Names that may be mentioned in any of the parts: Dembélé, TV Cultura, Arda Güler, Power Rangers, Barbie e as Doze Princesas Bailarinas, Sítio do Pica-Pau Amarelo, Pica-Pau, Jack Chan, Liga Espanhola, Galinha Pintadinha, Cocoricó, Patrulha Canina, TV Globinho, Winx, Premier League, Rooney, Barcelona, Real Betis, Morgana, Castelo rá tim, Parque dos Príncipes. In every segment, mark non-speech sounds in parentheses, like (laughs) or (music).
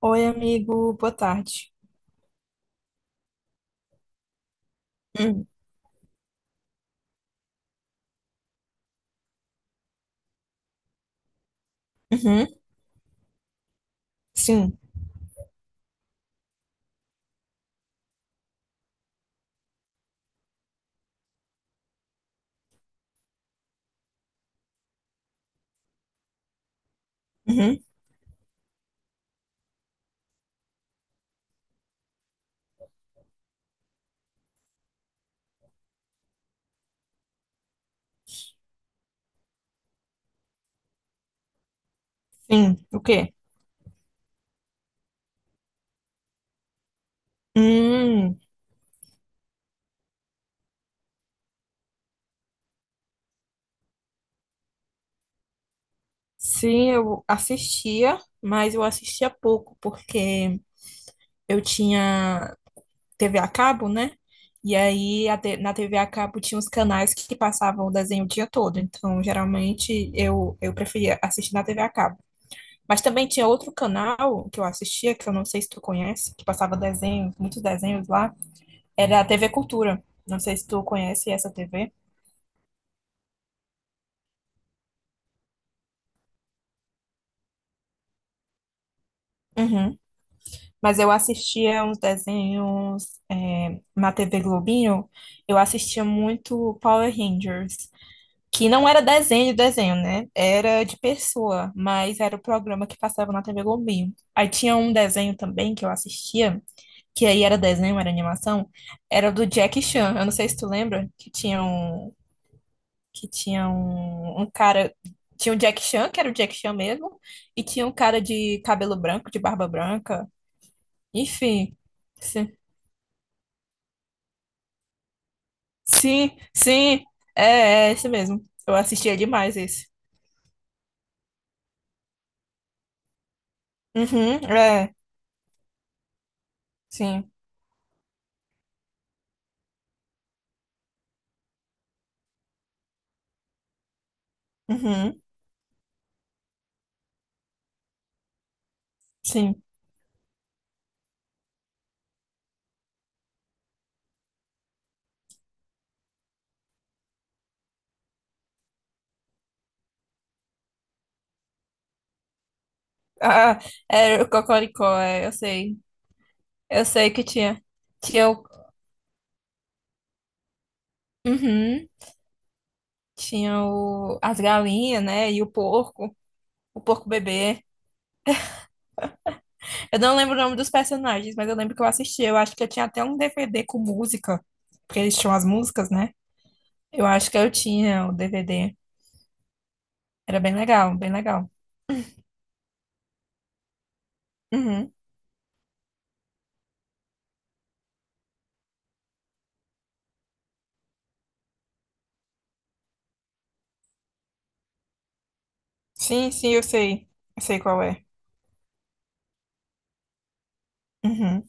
Oi, amigo, boa tarde. Hum. Uhum. Sim. Uhum. Sim, o quê? Hum. Sim, eu assistia, mas eu assistia pouco, porque eu tinha TV a cabo, né? E aí na TV a cabo tinha os canais que passavam o desenho o dia todo, então geralmente eu preferia assistir na TV a cabo. Mas também tinha outro canal que eu assistia, que eu não sei se tu conhece, que passava desenhos, muitos desenhos lá. Era a TV Cultura. Não sei se tu conhece essa TV. Uhum. Mas eu assistia uns desenhos na TV Globinho. Eu assistia muito Power Rangers, que não era desenho de desenho, né? Era de pessoa, mas era o programa que passava na TV Globinho. Aí tinha um desenho também que eu assistia, que aí era desenho, era animação, era do Jack Chan. Eu não sei se tu lembra, que tinha um cara. Tinha o Jack Chan, que era o Jack Chan mesmo, e tinha um cara de cabelo branco, de barba branca. Enfim. Sim, sim, sim. É, é esse mesmo. Eu assistia demais esse. Uhum. É. Sim. Uhum. Sim. Ah, era o Cocoricó, é, eu sei. Eu sei que tinha. Tinha o. Uhum. As galinhas, né? E o porco. O porco bebê. Eu não lembro o nome dos personagens, mas eu lembro que eu assisti. Eu acho que eu tinha até um DVD com música, porque eles tinham as músicas, né? Eu acho que eu tinha o DVD. Era bem legal, bem legal. Uhum. Sim, sim, eu sei. Eu sei qual é. Uhum.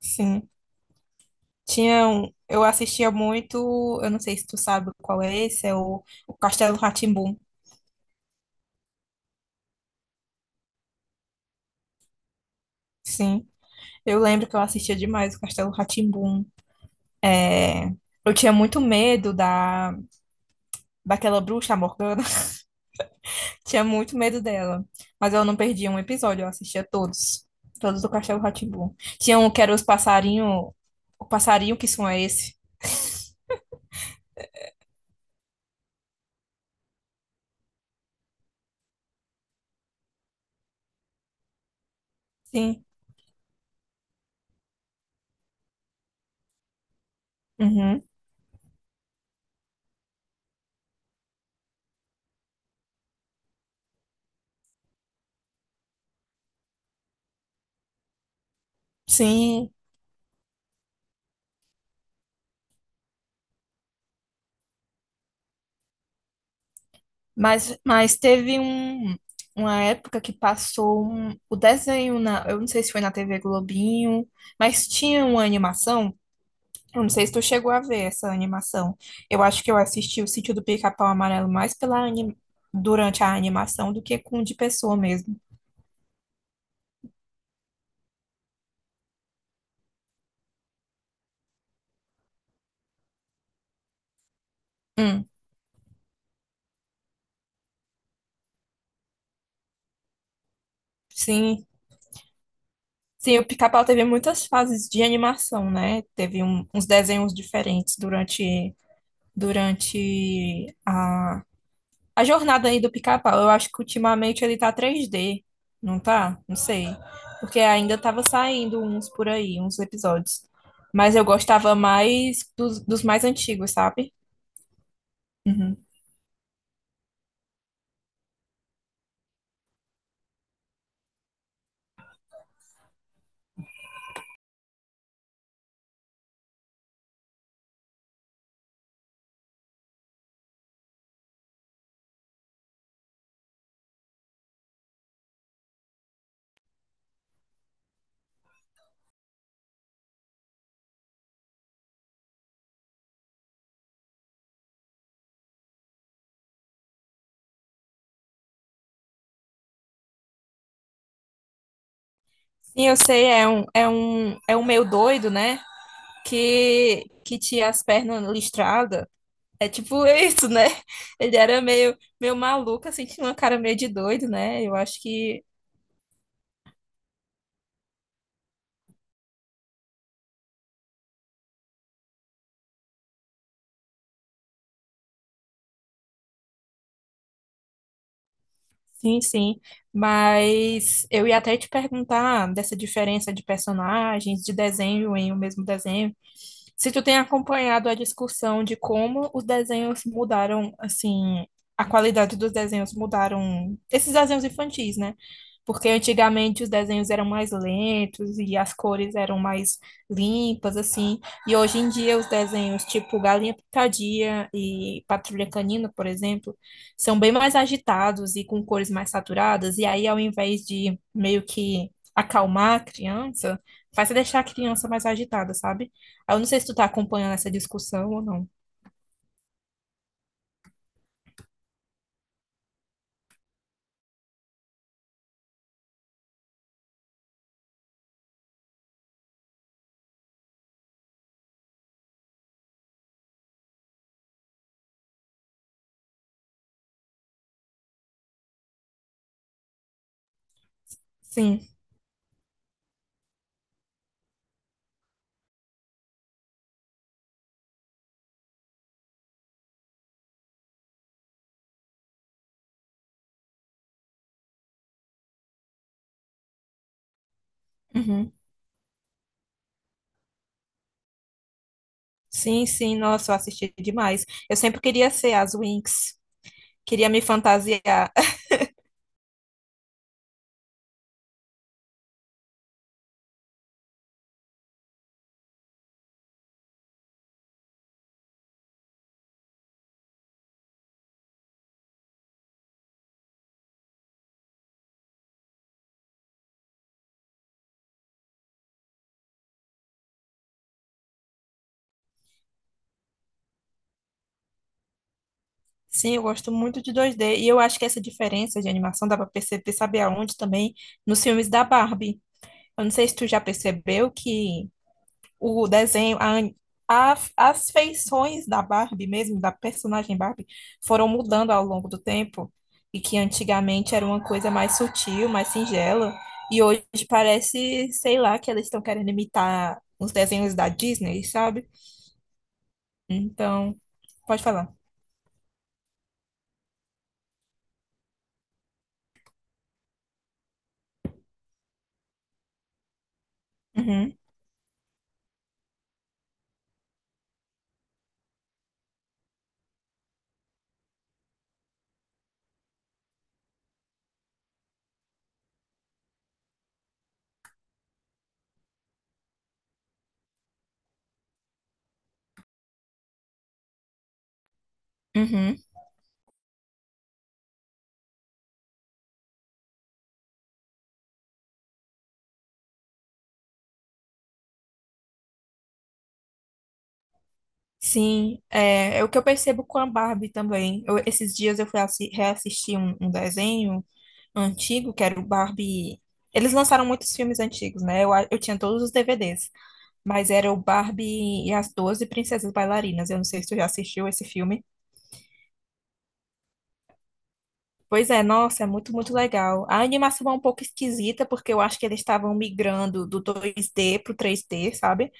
Sim. Tinha um, eu assistia muito, eu não sei se tu sabe qual é esse, é o Castelo rá tim. Sim. Eu lembro que eu assistia demais o Castelo rá tim. É, eu tinha muito medo daquela bruxa, a Morgana. Tinha muito medo dela. Mas eu não perdia um episódio, eu assistia todos. Todos do Castelo rá tim. Tinha um que era os passarinho. O passarinho que som é esse? Sim. Uhum. Sim. Mas teve uma época que passou o desenho na. Eu não sei se foi na TV Globinho, mas tinha uma animação. Eu não sei se tu chegou a ver essa animação. Eu acho que eu assisti o Sítio do Pica-Pau Amarelo mais durante a animação do que com de pessoa mesmo. Hum. Sim, sim, o Pica-Pau teve muitas fases de animação, né? Teve uns desenhos diferentes durante a jornada aí do Pica-Pau. Eu acho que ultimamente ele tá três d, não tá? Não sei. Porque ainda tava saindo uns por aí, uns episódios. Mas eu gostava mais dos mais antigos, sabe? Uhum. Sim, eu sei, é um meio doido, né? Que tinha as pernas listradas. É tipo isso, né? Ele era meio maluco, assim, tinha uma cara meio de doido, né? Eu acho que sim, sim. Mas eu ia até te perguntar dessa diferença de personagens, de desenho em o mesmo desenho. Se tu tem acompanhado a discussão de como os desenhos mudaram, assim, a qualidade dos desenhos mudaram, esses desenhos infantis, né? Porque antigamente os desenhos eram mais lentos e as cores eram mais limpas, assim. E hoje em dia os desenhos tipo Galinha Pintadinha e Patrulha Canina, por exemplo, são bem mais agitados e com cores mais saturadas, e aí, ao invés de meio que acalmar a criança, faz você deixar a criança mais agitada, sabe? Aí eu não sei se tu tá acompanhando essa discussão ou não. Sim. Uhum. Sim, sim, nossa, eu assisti demais. Eu sempre queria ser as Winx, queria me fantasiar. (laughs) Sim, eu gosto muito de 2D. E eu acho que essa diferença de animação dá pra perceber, sabe aonde também? Nos filmes da Barbie. Eu não sei se tu já percebeu que o desenho, as feições da Barbie mesmo, da personagem Barbie, foram mudando ao longo do tempo e que antigamente era uma coisa mais sutil, mais singela, e hoje parece, sei lá, que elas estão querendo imitar os desenhos da Disney, sabe? Então, pode falar. Uhum. Uhum. Sim, é o que eu percebo com a Barbie também. Esses dias eu fui reassistir um desenho antigo, que era o Barbie. Eles lançaram muitos filmes antigos, né? Eu tinha todos os DVDs, mas era o Barbie e as Doze Princesas Bailarinas. Eu não sei se tu já assistiu esse filme. Pois é, nossa, é muito, muito legal. A animação é um pouco esquisita, porque eu acho que eles estavam migrando do dois d pro três d, sabe?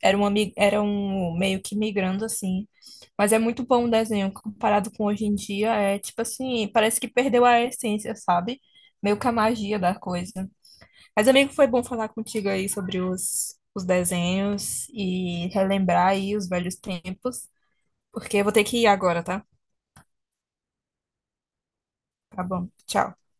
Era um meio que migrando assim. Mas é muito bom o desenho, comparado com hoje em dia, é tipo assim, parece que perdeu a essência, sabe? Meio que a magia da coisa. Mas, amigo, foi bom falar contigo aí sobre os desenhos e relembrar aí os velhos tempos, porque eu vou ter que ir agora, tá? Tá bom, tchau.